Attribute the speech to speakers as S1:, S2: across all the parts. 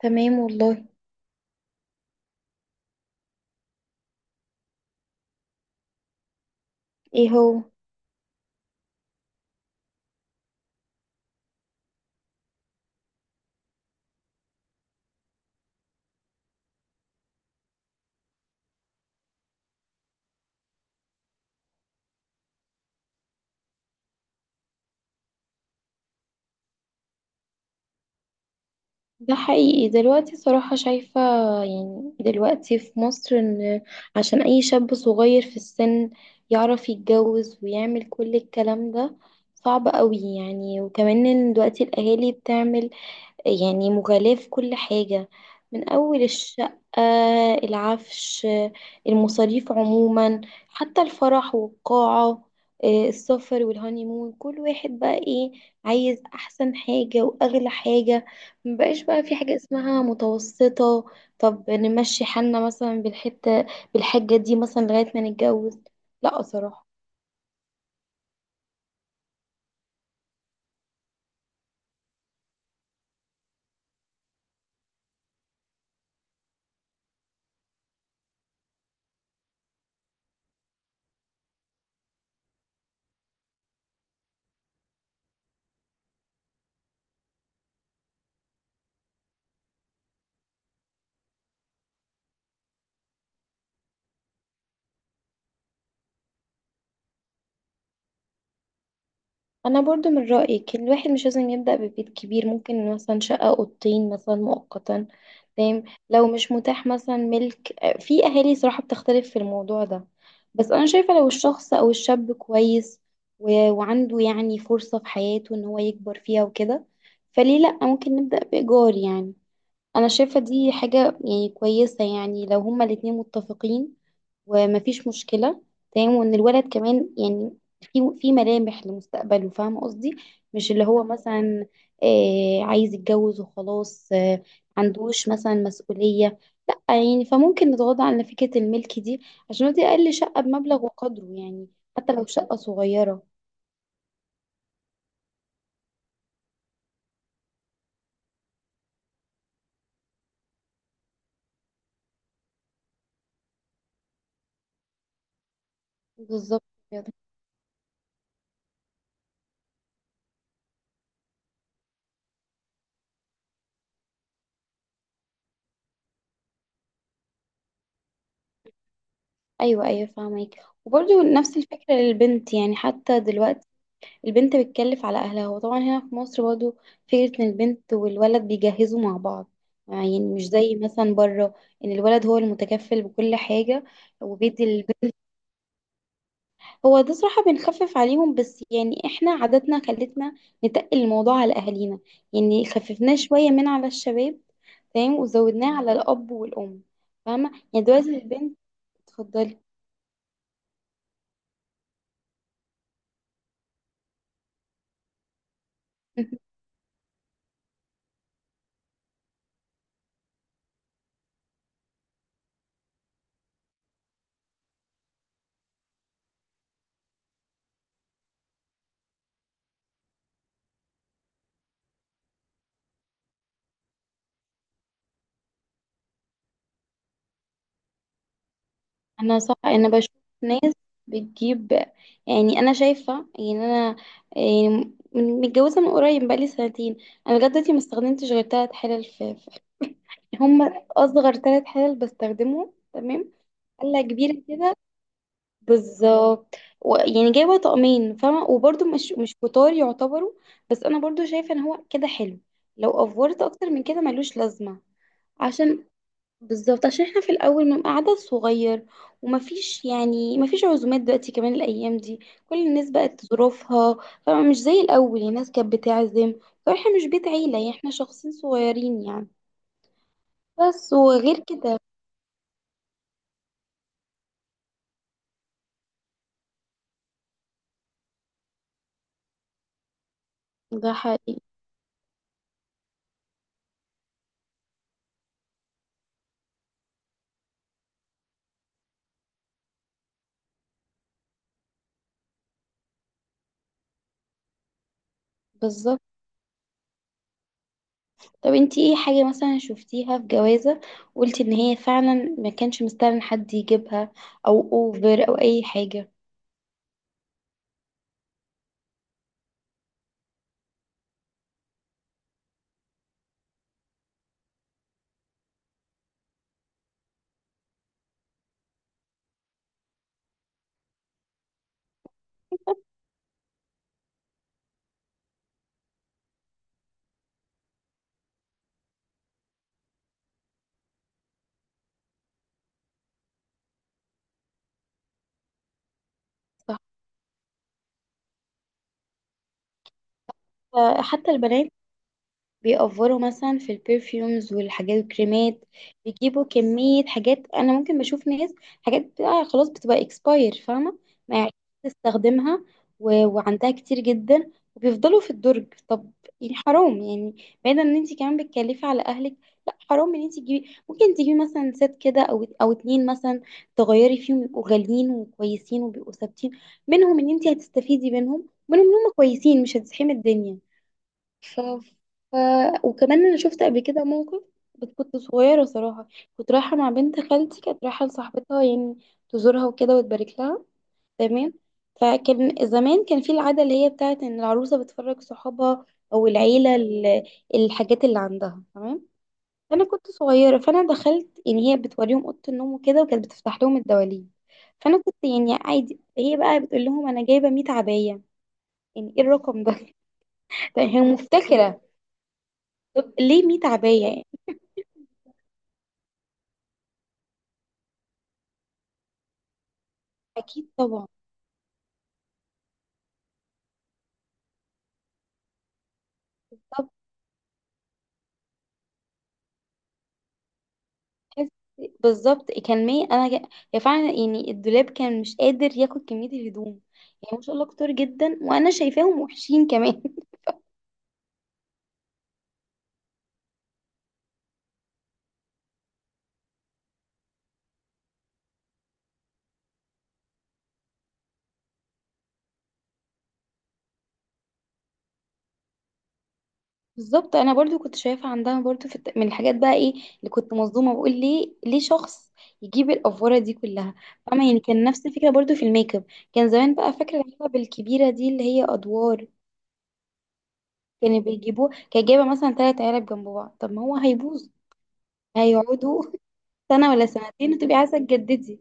S1: تمام والله. ايه هو؟ ده حقيقي دلوقتي صراحة شايفة، يعني دلوقتي في مصر، ان عشان اي شاب صغير في السن يعرف يتجوز ويعمل كل الكلام ده صعب قوي يعني. وكمان ان دلوقتي الاهالي بتعمل يعني مغالاة في كل حاجة، من أول الشقة، العفش، المصاريف عموما، حتى الفرح والقاعة، السفر والهانيمون. كل واحد بقى ايه، عايز أحسن حاجة وأغلى حاجة. مبقاش بقى في حاجة اسمها متوسطة. طب نمشي حالنا مثلا بالحتة، بالحاجة دي مثلا لغاية ما نتجوز. لا صراحة. انا برضو من رأيي كل الواحد مش لازم يبدأ ببيت كبير، ممكن مثلا شقة اوضتين مثلا مؤقتا. تمام. لو مش متاح مثلا ملك، في اهالي صراحة بتختلف في الموضوع ده. بس انا شايفة لو الشخص او الشاب كويس وعنده يعني فرصة في حياته ان هو يكبر فيها وكده، فليه لأ، ممكن نبدأ بإيجار يعني. انا شايفة دي حاجة يعني كويسة يعني، لو هما الاتنين متفقين ومفيش مشكلة. تمام. وان الولد كمان يعني في ملامح لمستقبله، فاهمة قصدي؟ مش اللي هو مثلا عايز يتجوز وخلاص، عندوش مثلا مسؤولية، لا يعني. فممكن نتغاضى عن فكرة الملك دي، عشان هو دي اقل شقة بمبلغ وقدره يعني، حتى لو شقة صغيرة. بالظبط كده. ايوه، ايوه، فاهمك. وبرضه نفس الفكرة للبنت، يعني حتى دلوقتي البنت بتكلف على أهلها، وطبعا هنا في مصر برضو فكرة إن البنت والولد بيجهزوا مع بعض، يعني مش زي مثلا بره إن الولد هو المتكفل بكل حاجة وبيدي البنت. هو ده صراحة بنخفف عليهم، بس يعني إحنا عاداتنا خلتنا نتقل الموضوع على أهالينا، يعني خففناه شوية من على الشباب، تمام، وزودناه على الأب والأم، فاهمة؟ يعني دلوقتي البنت، اتفضلي. أنا صح، أنا بشوف بتجيب يعني. انا شايفه يعني، انا يعني متجوزه من قريب بقالي سنتين. انا لغايه دلوقتي ما استخدمتش غير ثلاث حلل يعني هم اصغر ثلاث حلل بستخدمهم. تمام. حله كبيره كده، بالظبط. يعني جايبه طقمين، فاهمه، وبرده مش كتار يعتبروا. بس انا برضو شايفه ان هو كده حلو، لو افورت اكتر من كده ملوش لازمه. عشان بالظبط، عشان احنا في الاول بنبقى عدد صغير، ومفيش يعني مفيش عزومات دلوقتي، كمان الايام دي كل الناس بقت ظروفها، فمش زي الاول يعني الناس كانت بتعزم، فاحنا مش بيت عيله يعني، احنا شخصين صغيرين يعني، بس. وغير كده ده حقيقي بالظبط. طب انتي ايه حاجه مثلا شفتيها في جوازه وقلتي ان هي فعلا ما كانش مستاهل إن حد يجيبها، او اوفر او اي حاجه؟ صح. حتى البنات بيأفوروا مثلا في البرفيومز والحاجات الكريمات، بيجيبوا كمية حاجات. أنا ممكن بشوف ناس، حاجات بتبقى خلاص بتبقى اكسباير، فاهمة، ما يعرفش تستخدمها، وعندها كتير جدا وبيفضلوا في الدرج. طب يعني حرام يعني، بعيدا ان انت كمان بتكلفي على اهلك، لا حرام ان انت تجيبي، ممكن تجيبي مثلا ست كده او اتنين مثلا، تغيري فيهم، يبقوا غاليين وكويسين وبيبقوا ثابتين، منهم ان انت هتستفيدي منهم ان هم كويسين، مش هتزحمي الدنيا. ف... ف... وكمان انا شفت قبل كده موقف، بس كنت صغيره صراحه. كنت رايحه مع بنت خالتي، كانت رايحه لصاحبتها يعني، تزورها وكده وتبارك لها. تمام. فكان زمان كان في العاده اللي هي بتاعت ان العروسه بتفرج صحابها، او العيله، الحاجات اللي عندها. تمام. فانا كنت صغيره، فانا دخلت يعني، هي بتوريهم اوضه النوم وكده، وكانت بتفتح لهم الدواليب، فانا كنت يعني عادي. هي بقى بتقول لهم انا جايبه 100 عبايه. يعني ايه الرقم ده؟ هي مفتكره، طب ليه 100 عباية يعني؟ أكيد طبعا. طب تحس؟ بالظبط كان 100. هي فعلا يعني الدولاب كان مش قادر ياخد كمية الهدوم، يعني ما شاء الله كتير جدا، وأنا شايفاهم وحشين كمان. بالظبط. أنا برضو كنت شايفة عندها برضو من الحاجات بقى، إيه اللي كنت مصدومة، بقول ليه ليه شخص يجيب الأفورة دي كلها؟ فاهمة يعني. كان نفس الفكرة برضو في الميك اب. كان زمان، بقى فاكرة العلب الكبيرة دي اللي هي أدوار، كانوا بيجيبوه، كان جايبة مثلا تلات علب جنب بعض. طب ما هو هيبوظ، هيقعدوا سنة ولا سنتين وتبقي عايزة تجددي.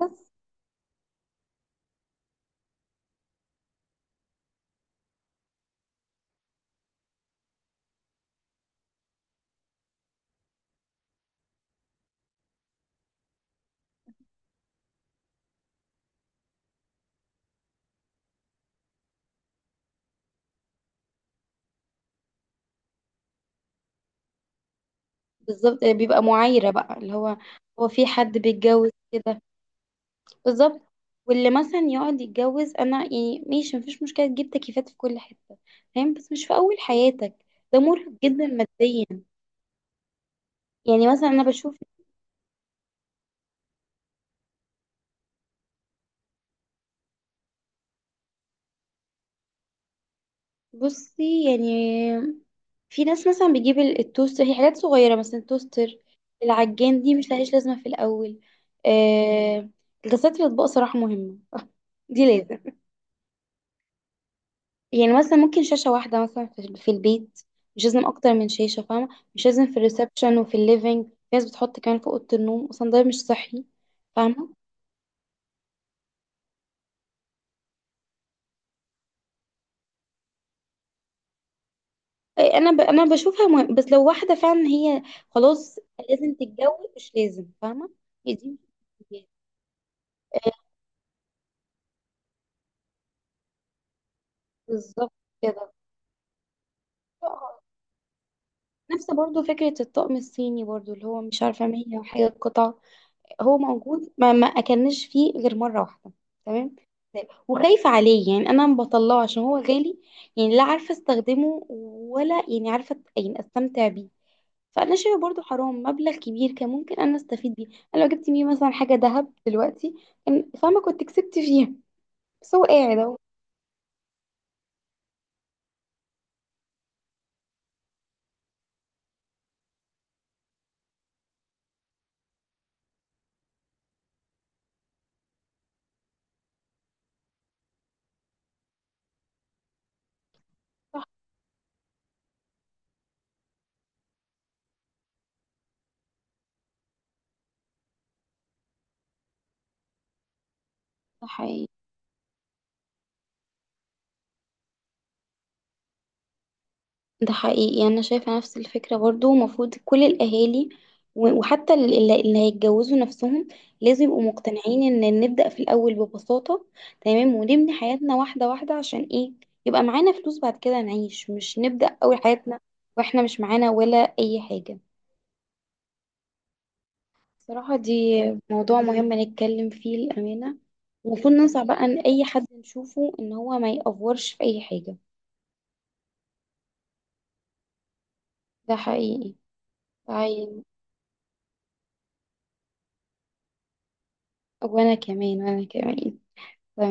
S1: بس. بالظبط، بيبقى معايرة بقى، اللي هو هو في حد بيتجوز كده؟ بالظبط. واللي مثلا يقعد يتجوز، انا يعني ماشي، مفيش مشكلة تجيب تكييفات في كل حتة فاهم، بس مش في اول حياتك. ده مرهق جدا ماديا. يعني مثلا انا بشوف، بصي يعني، في ناس مثلا بتجيب التوستر، هي حاجات صغيرة مثلا، توستر، العجان، دي مش لهاش لازمة في الأول. آه، غسالة الأطباق صراحة مهمة. دي لازم. يعني مثلا ممكن شاشة واحدة مثلا في البيت، مش لازم أكتر من شاشة فاهمة، مش لازم في الريسبشن وفي الليفينج، في ناس بتحط كمان في أوضة النوم، أصلا ده مش صحي فاهمة. إيه، أنا بشوفها مهم. بس لو واحدة فعلا، هي خلاص لازم تتجوز، مش لازم، فاهمة. هي دي. بالظبط كده. نفس برضو فكرة الطقم الصيني برضو اللي هو مش عارفة 100 وحاجة قطعة. هو موجود، ما أكلناش فيه غير مرة واحدة. تمام. وخايفة عليه يعني، أنا ما بطلعه عشان هو غالي، يعني لا عارفة استخدمه ولا يعني عارفة يعني استمتع بيه. فأنا شايفة برضو حرام، مبلغ كبير كان ممكن أنا استفيد بيه. أنا لو جبت بيه مثلا حاجة ذهب دلوقتي، كان فاهمة، كنت كسبت فيها، بس هو قاعد أهو. صح، صح، ده حقيقي يعني. أنا شايفة نفس الفكرة برضو، المفروض كل الأهالي، وحتى اللي هيتجوزوا نفسهم، لازم يبقوا مقتنعين إن نبدأ في الأول ببساطة. تمام. ونبني حياتنا واحدة واحدة، عشان إيه؟ يبقى معانا فلوس بعد كده نعيش، مش نبدأ أول حياتنا وإحنا مش معانا ولا أي حاجة. صراحة دي موضوع مهم نتكلم فيه، الأمانة. المفروض ننصح بقى إن أي حد نشوفه إن هو ما يأفورش في أي حاجة. ده حقيقي. طيب. وأنا كمان، وأنا كمان.